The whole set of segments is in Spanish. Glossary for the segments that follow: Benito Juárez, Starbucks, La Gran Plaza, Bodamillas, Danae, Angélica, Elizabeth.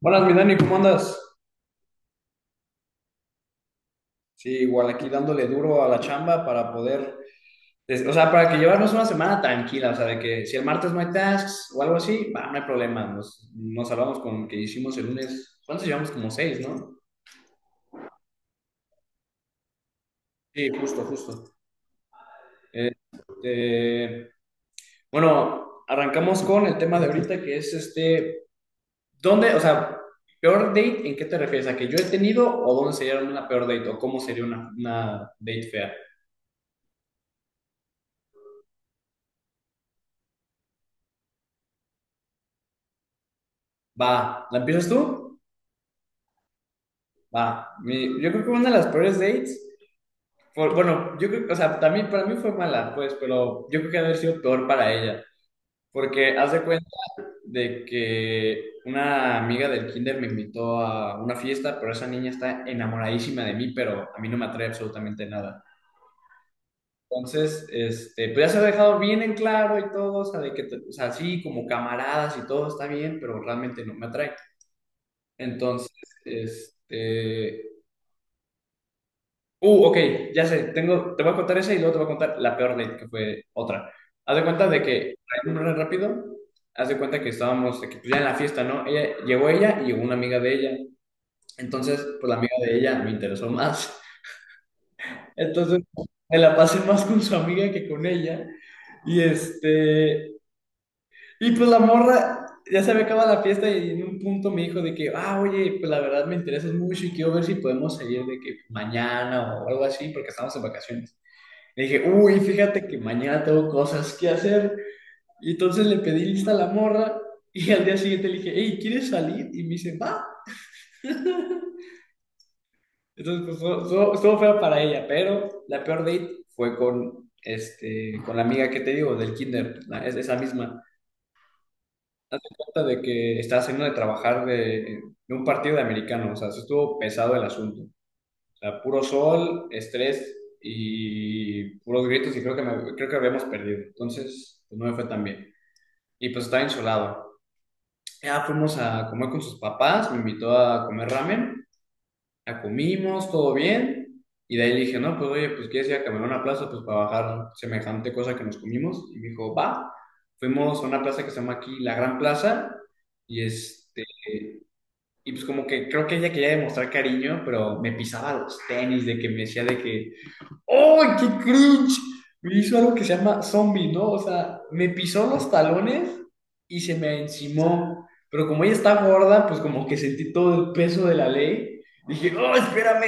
Buenas, mi Dani, ¿cómo andas? Sí, igual aquí dándole duro a la chamba para poder, o sea, para que llevarnos una semana tranquila, o sea, de que si el martes no hay tasks o algo así, va, no hay problema, nos salvamos con que hicimos el lunes, ¿cuántos llevamos? Como seis, ¿no? Sí, justo, justo. Este, bueno, arrancamos con el tema de ahorita que es este, ¿dónde, o sea, peor date, en qué te refieres? ¿A que yo he tenido o dónde sería una peor date o cómo sería una date fea? Va, ¿la empiezas tú? Va, yo creo que una de las peores dates, bueno, yo creo, o sea, también para mí fue mala, pues, pero yo creo que ha de haber sido peor para ella, porque haz de cuenta de que una amiga del kinder me invitó a una fiesta, pero esa niña está enamoradísima de mí, pero a mí no me atrae absolutamente nada. Entonces, este, pues ya se ha dejado bien en claro y todo, o sea, de que, o sea, sí, como camaradas y todo está bien, pero realmente no me atrae. Entonces, este, ok, ya sé, tengo, te voy a contar esa y luego te voy a contar la peor date, que fue otra. Haz de cuenta de que, para ir rápido, haz de cuenta que estábamos de que, pues, ya en la fiesta, ¿no? Llegó ella y llegó una amiga de ella. Entonces, pues la amiga de ella me interesó más. Entonces, me la pasé más con su amiga que con ella. Y este, y pues la morra, ya se había acabado la fiesta y en un punto me dijo de que, ah, oye, pues la verdad me interesas mucho y quiero ver si podemos salir de que mañana o algo así, porque estamos en vacaciones. Le dije, uy, fíjate que mañana tengo cosas que hacer. Y entonces le pedí lista a la morra y al día siguiente le dije, hey, ¿quieres salir? Y me dice, va. Entonces, pues, feo para ella, pero la peor date fue con, este, con la amiga que te digo, del kinder, es esa misma. Hazte cuenta de que estaba saliendo de trabajar de, un partido de americano, o sea, sí estuvo pesado el asunto. O sea, puro sol, estrés y puros gritos y creo que, creo que habíamos perdido. Entonces, pues, no me fue tan bien. Y pues estaba insolado. Ya fuimos a comer con sus papás, me invitó a comer ramen, ya comimos, todo bien, y de ahí le dije, no, pues oye, pues quieres ir a caminar a una plaza, pues para bajar semejante cosa que nos comimos, y me dijo, va, fuimos a una plaza que se llama aquí La Gran Plaza, y este, y pues como que creo que ella quería demostrar cariño, pero me pisaba los tenis, de que me decía de que ¡oh, qué cringe! Me hizo algo que se llama zombie, ¿no? O sea, me pisó los talones y se me encimó. Pero como ella está gorda, pues como que sentí todo el peso de la ley. Dije, ¡oh, espérame!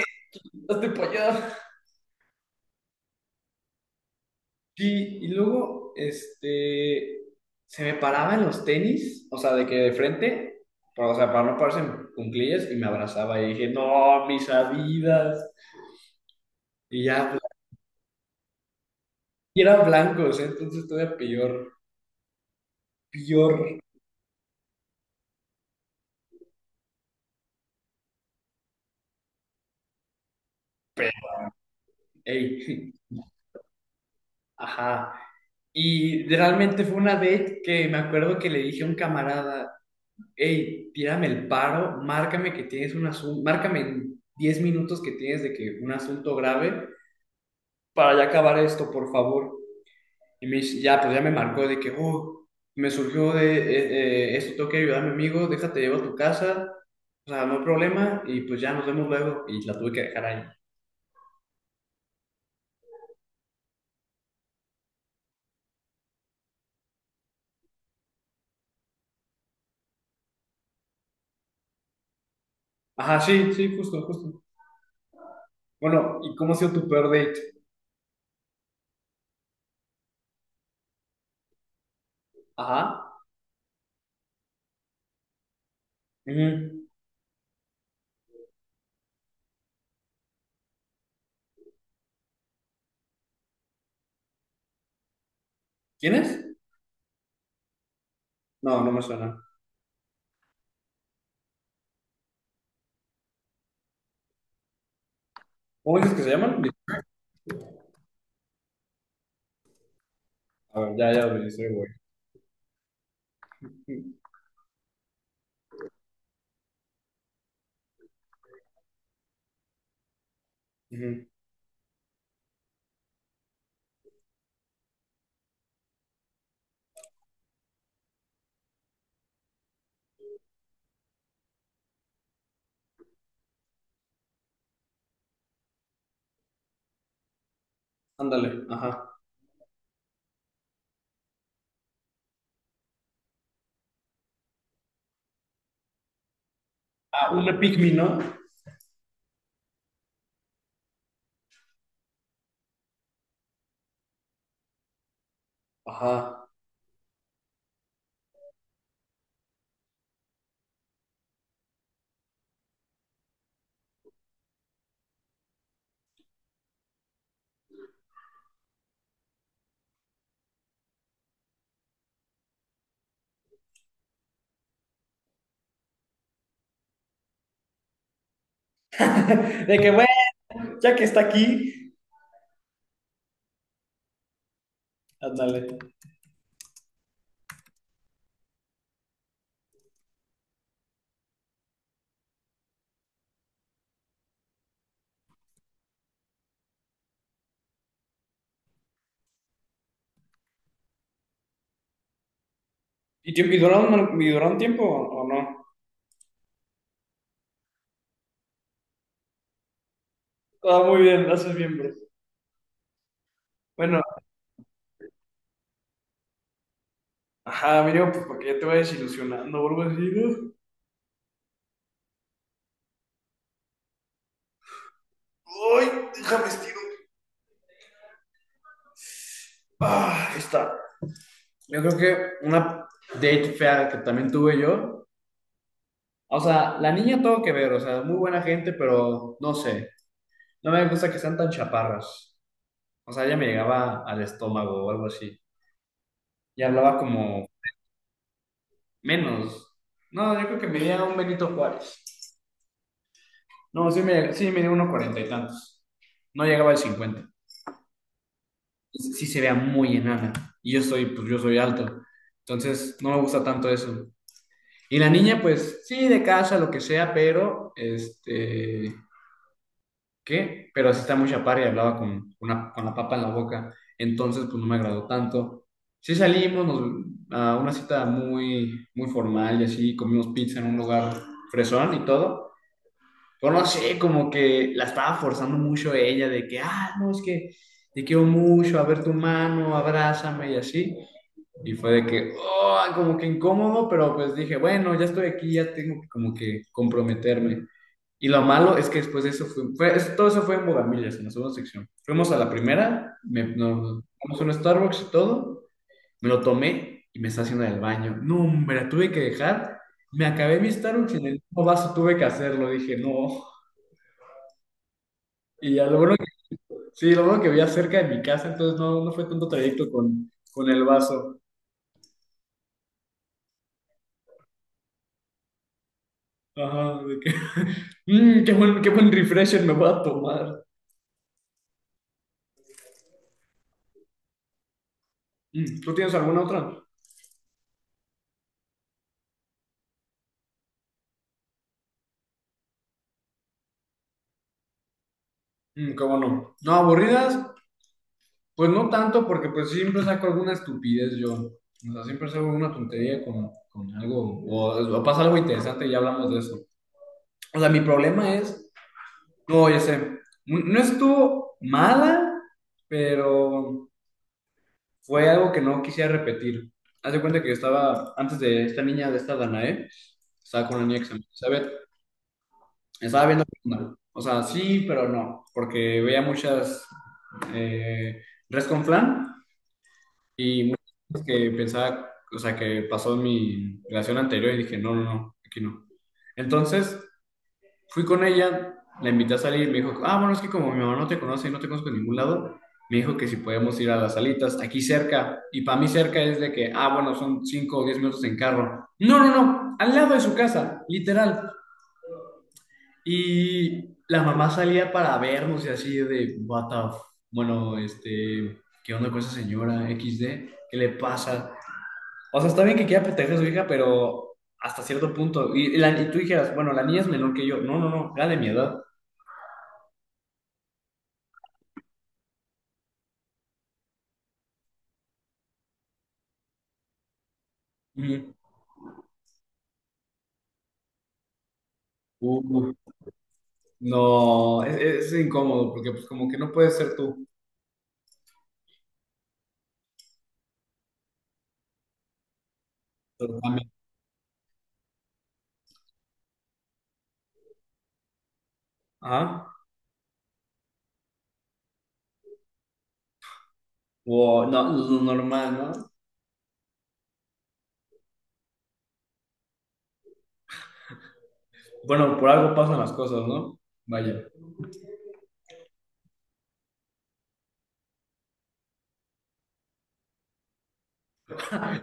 ¡Hazte para allá! Sí, y luego, este, se me paraba en los tenis, o sea, de que de frente, pero, o sea, para no pararse en cuclillas, y me abrazaba y dije, ¡no, mis Adidas! Y ya, pues, y eran blancos, ¿eh? Entonces todavía peor, peor. Ey, ajá. Y realmente fue una date que me acuerdo que le dije a un camarada, hey, tírame el paro, márcame que tienes un asunto, márcame en 10 minutos que tienes de que un asunto grave para ya acabar esto, por favor. Y me dice, ya, pues ya me marcó de que, oh, me surgió de esto, tengo que ayudar a mi amigo, déjate, llevo a tu casa, o sea, no hay problema, y pues ya nos vemos luego. Y la tuve que dejar ahí. Ajá, sí, sí, justo, justo. Bueno, ¿y cómo ha sido tu peor date? Ajá. Ujú. ¿Quién es? No, no me suena. ¿Cómo dices que se llaman? A ver, ya, ya lo registré, güey. Ujú. Ujú. Ándale, ajá. Ah, una pygmy, ¿no? Ajá. De que, bueno, ya que está aquí, ándale. ¿Y, y duró un, y duró tiempo o no? Ah, muy bien, lo haces bien, bro. Bueno, ajá, mínimo, pues porque ya te vayas ilusionando o algo así, ¿no? Ay, déjame estiro. Ah, ahí está. Yo creo que una date fea que también tuve yo. O sea, la niña todo que ver, o sea, muy buena gente, pero no sé, no me gusta que sean tan chaparras. O sea, ella me llegaba al estómago o algo así. Y hablaba como menos. No, yo creo que medía un Benito Juárez. No, sí me, sí medía unos 40 y tantos. No llegaba al 50. Sí se vea muy enana. Y yo soy, pues yo soy alto. Entonces, no me gusta tanto eso. Y la niña, pues, sí, de casa, lo que sea, pero, este, ¿qué? Pero así está muy chaparra y hablaba con, con la papa en la boca. Entonces, pues no me agradó tanto. Sí salimos a una cita muy, muy formal y así, comimos pizza en un lugar fresón y todo. Pero no sé, como que la estaba forzando mucho ella de que, ah, no, es que te quiero mucho, a ver tu mano, abrázame y así. Y fue de que, oh, como que incómodo, pero pues dije, bueno, ya estoy aquí, ya tengo que como que comprometerme. Y lo malo es que después de eso todo eso fue en Bodamillas, en la segunda sección. Fuimos a la primera, nos tomamos un Starbucks y todo, me lo tomé y me estaba haciendo del baño. No, hombre, la tuve que dejar. Me acabé mi Starbucks y en el mismo vaso tuve que hacerlo. Dije, no. Y ya lo bueno que, sí, lo bueno que vivía cerca de mi casa, entonces no, no fue tanto trayecto con, el vaso. Ajá, de que, "Mm, qué buen refresher me voy a tomar". Mm, ¿tú tienes alguna otra? Mm, cómo no. No, aburridas, pues no tanto, porque pues siempre saco alguna estupidez yo. O sea, siempre saco alguna tontería con, algo, o pasa algo interesante y ya hablamos de eso. O sea, mi problema es, no, ya sé, no estuvo mala, pero fue algo que no quisiera repetir. Haz de cuenta que yo estaba, antes de esta niña, de esta Danae, estaba con la niña que se llama Elizabeth. Estaba viendo, qué onda. O sea, sí, pero no, porque veía muchas eh, res con flan y muchas cosas que pensaba, o sea, que pasó en mi relación anterior y dije, no, no, no, aquí no. Entonces, fui con ella, la invité a salir y me dijo, ah, bueno, es que como mi mamá no te conoce y no te conozco en ningún lado, me dijo que si podemos ir a las salitas, aquí cerca, y para mí cerca es de que, ah, bueno, son 5 o 10 minutos en carro. No, no, no, al lado de su casa, literal. Y la mamá salía para vernos y así de, "what the f-". Bueno, este, ¿qué onda con esa señora XD? ¿Qué le pasa? O sea, está bien que quiera proteger a su hija, pero hasta cierto punto. Y, y tú dijeras, bueno, la niña es menor que yo. No, no, no, era de mi edad. Ujú. Uh, no, es, incómodo porque pues como que no puedes ser tú. Pero también, ajá. O no, lo normal, ¿no? Bueno, por algo pasan las cosas, ¿no? Vaya.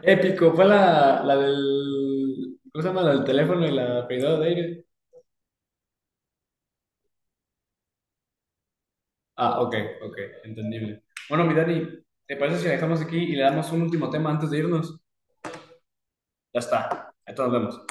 Épico, fue la del. ¿Cómo se llama? La del teléfono y la privada de aire. Ah, ok, ok, entendible. Bueno, mi Dani, ¿te parece si la dejamos aquí y le damos un último tema antes de irnos? Ya está, ahí nos vemos.